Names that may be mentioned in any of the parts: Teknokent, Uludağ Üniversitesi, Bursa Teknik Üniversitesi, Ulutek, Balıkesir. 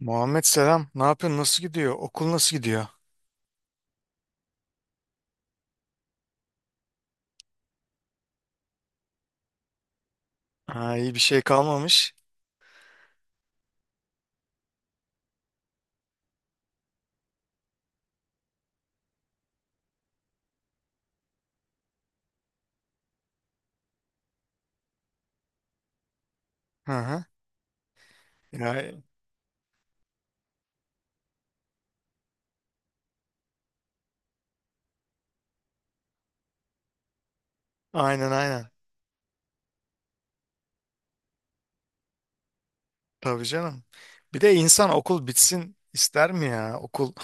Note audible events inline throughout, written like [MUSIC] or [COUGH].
Muhammed selam. Ne yapıyorsun? Nasıl gidiyor? Okul nasıl gidiyor? Ha, iyi bir şey kalmamış. Hı hı. Ya, aynen aynen. Tabii canım. Bir de insan okul bitsin ister mi ya? Okul. [LAUGHS]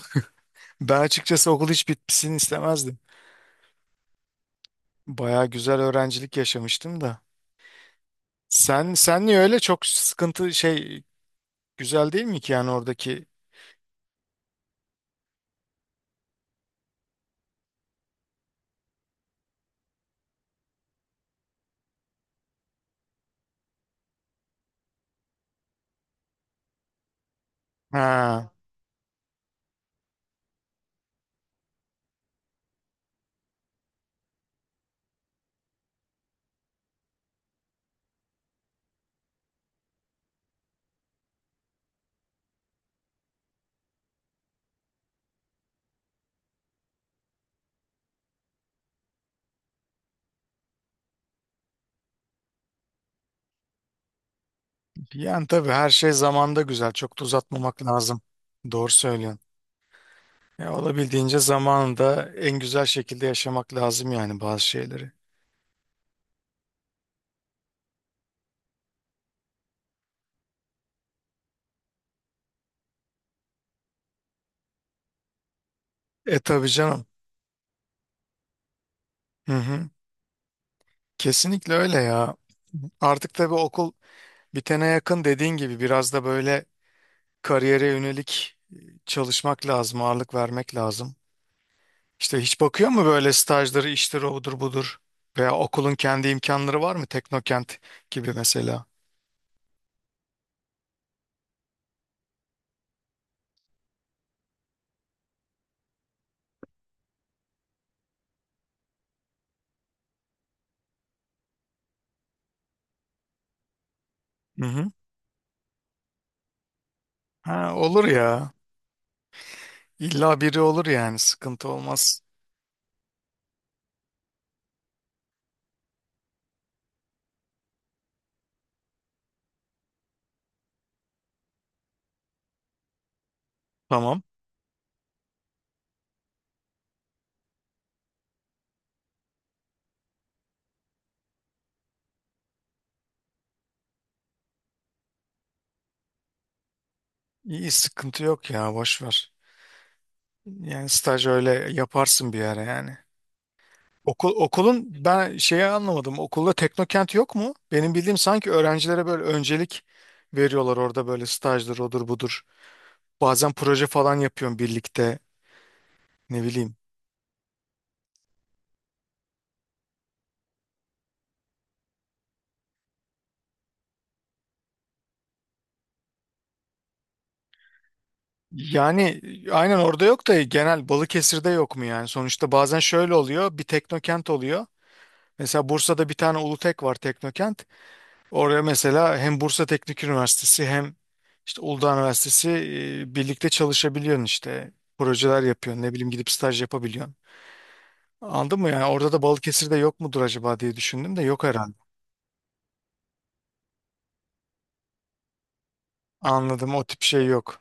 Ben açıkçası okul hiç bitsin istemezdim. Baya güzel öğrencilik yaşamıştım da. Sen niye öyle çok sıkıntı şey, güzel değil mi ki yani oradaki? Ha. Yani tabii her şey zamanda güzel. Çok da uzatmamak lazım. Doğru söylüyorsun. Ya olabildiğince zamanında en güzel şekilde yaşamak lazım yani bazı şeyleri. E tabii canım. Hı hı. Kesinlikle öyle ya. Artık tabii okul bitene yakın dediğin gibi biraz da böyle kariyere yönelik çalışmak lazım, ağırlık vermek lazım. İşte hiç bakıyor mu böyle stajdır, iştir, odur budur? Veya okulun kendi imkanları var mı? Teknokent gibi mesela. Hı hı. Ha, olur ya. İlla biri olur yani sıkıntı olmaz. Tamam. İyi sıkıntı yok ya, boş ver. Yani staj öyle yaparsın bir ara yani. Okul, okulun ben şeyi anlamadım. Okulda Teknokent yok mu? Benim bildiğim sanki öğrencilere böyle öncelik veriyorlar orada, böyle stajdır odur budur. Bazen proje falan yapıyorum birlikte, ne bileyim. Yani aynen orada yok da genel Balıkesir'de yok mu yani? Sonuçta bazen şöyle oluyor, bir Teknokent oluyor. Mesela Bursa'da bir tane Ulutek var, Teknokent. Oraya mesela hem Bursa Teknik Üniversitesi hem işte Uludağ Üniversitesi birlikte çalışabiliyorsun işte. Projeler yapıyorsun, ne bileyim, gidip staj yapabiliyorsun. Anladın mı? Yani orada da Balıkesir'de yok mudur acaba diye düşündüm de yok herhalde. Anladım, o tip şey yok.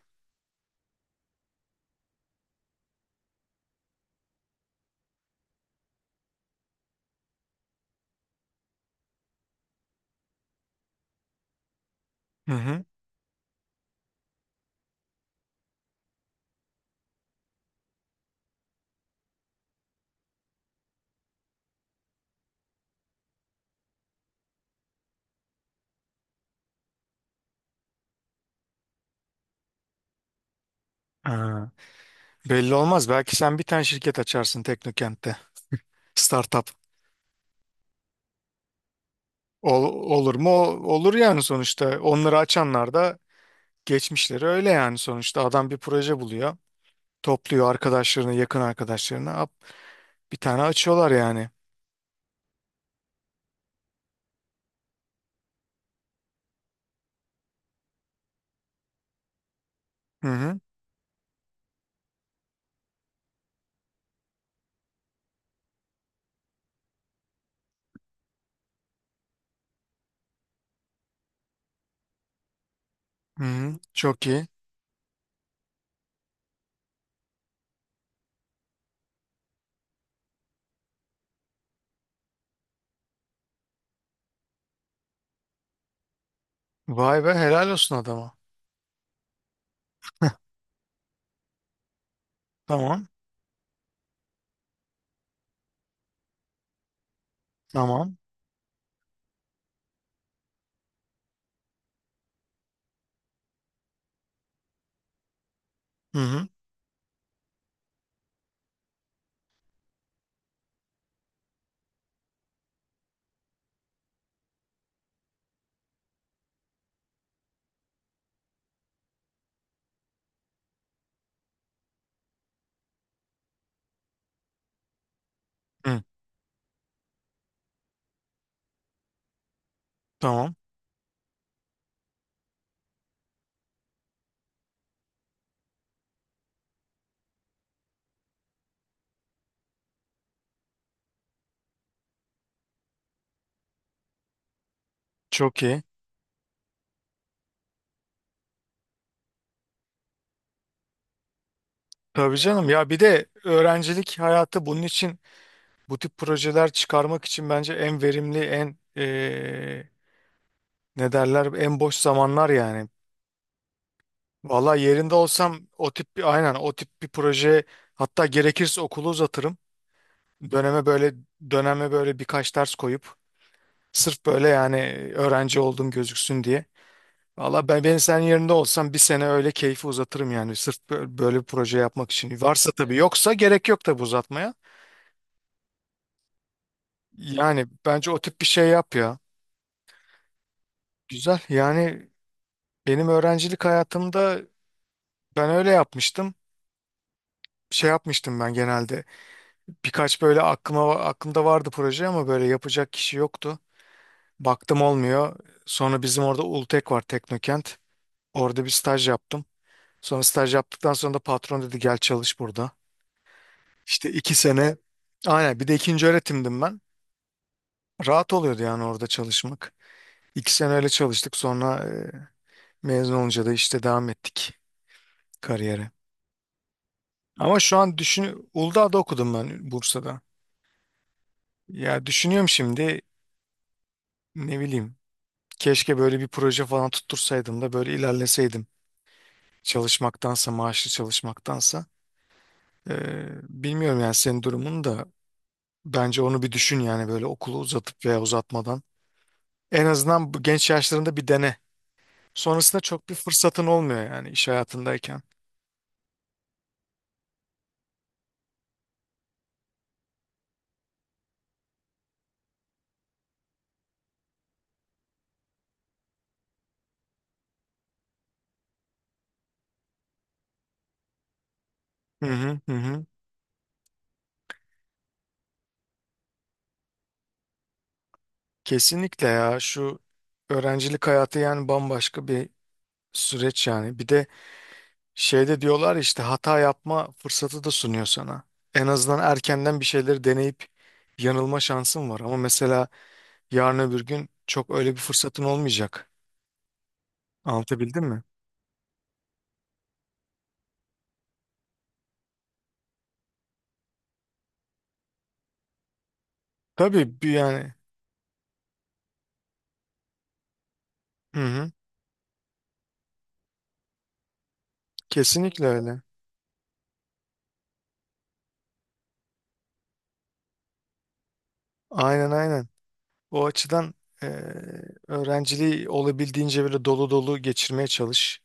Hı hı. Ha. Belli olmaz. Belki sen bir tane şirket açarsın Teknokent'te. Startup. Olur mu? Olur yani sonuçta. Onları açanlar da geçmişleri öyle yani sonuçta. Adam bir proje buluyor. Topluyor arkadaşlarını, yakın arkadaşlarını. Bir tane açıyorlar yani. Hı hı. Hı hı. Çok iyi. Vay be, helal olsun adama. Tamam. Tamam. Hı hı. Hı. Tamam. Çok iyi. Tabii canım ya, bir de öğrencilik hayatı bunun için, bu tip projeler çıkarmak için bence en verimli, en ne derler en boş zamanlar yani. Valla yerinde olsam o tip bir aynen o tip bir proje, hatta gerekirse okulu uzatırım. Döneme böyle döneme böyle birkaç ders koyup sırf böyle yani öğrenci olduğum gözüksün diye. Valla ben senin yerinde olsam bir sene öyle keyfi uzatırım yani sırf böyle bir proje yapmak için. Varsa tabii, yoksa gerek yok tabii uzatmaya. Yani bence o tip bir şey yap ya. Güzel yani, benim öğrencilik hayatımda ben öyle yapmıştım. Şey yapmıştım ben genelde. Birkaç böyle aklımda vardı proje ama böyle yapacak kişi yoktu. Baktım olmuyor. Sonra bizim orada Ultek var, Teknokent. Orada bir staj yaptım. Sonra staj yaptıktan sonra da patron dedi gel çalış burada. İşte 2 sene, bir de ikinci öğretimdim ben. Rahat oluyordu yani orada çalışmak. 2 sene çalıştık sonra mezun olunca da işte devam ettik kariyere. Ama şu an düşün, Uludağ'da okudum ben, Bursa'da. Ya düşünüyorum şimdi, ne bileyim, keşke böyle bir proje falan tuttursaydım da böyle ilerleseydim. Çalışmaktansa, maaşlı çalışmaktansa. E, Bilmiyorum yani, senin durumun da, bence onu bir düşün yani, böyle okulu uzatıp veya uzatmadan. En azından bu genç yaşlarında bir dene. Sonrasında çok bir fırsatın olmuyor yani iş hayatındayken. Hı hı hı. Hı. Kesinlikle ya, şu öğrencilik hayatı yani bambaşka bir süreç yani. Bir de şeyde diyorlar ya işte, hata yapma fırsatı da sunuyor sana. En azından erkenden bir şeyleri deneyip yanılma şansın var. Ama mesela yarın öbür gün çok öyle bir fırsatın olmayacak. Anlatabildim mi? Tabii bir yani. Hı hı. Kesinlikle öyle. Aynen aynen. O açıdan e, öğrenciliği olabildiğince böyle dolu dolu geçirmeye çalış.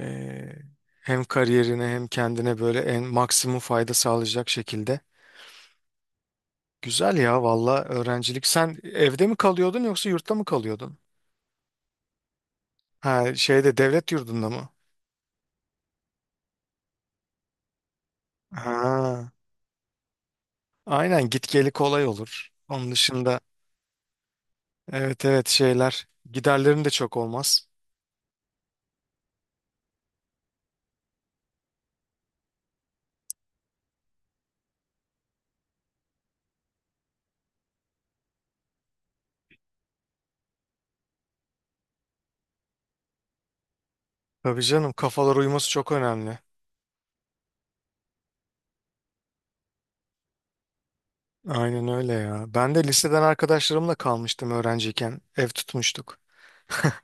E, Hem kariyerine hem kendine böyle en maksimum fayda sağlayacak şekilde. Güzel ya valla, öğrencilik. Sen evde mi kalıyordun yoksa yurtta mı kalıyordun? Ha, şeyde, devlet yurdunda mı? Ha, aynen, git geli kolay olur. Onun dışında evet evet, şeyler, giderlerin de çok olmaz. Tabii canım, kafalar uyuması çok önemli. Aynen öyle ya. Ben de liseden arkadaşlarımla kalmıştım öğrenciyken. Ev tutmuştuk. [LAUGHS]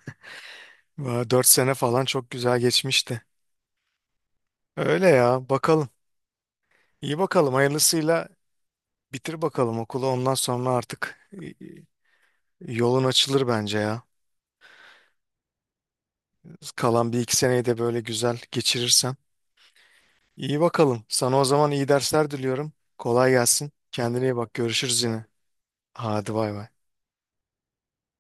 4 sene çok güzel geçmişti. Öyle ya bakalım. İyi bakalım, hayırlısıyla bitir bakalım okulu, ondan sonra artık yolun açılır bence ya. Kalan bir iki seneyi de böyle güzel geçirirsen. İyi bakalım. Sana o zaman iyi dersler diliyorum. Kolay gelsin. Kendine iyi bak. Görüşürüz yine. Hadi bay bay.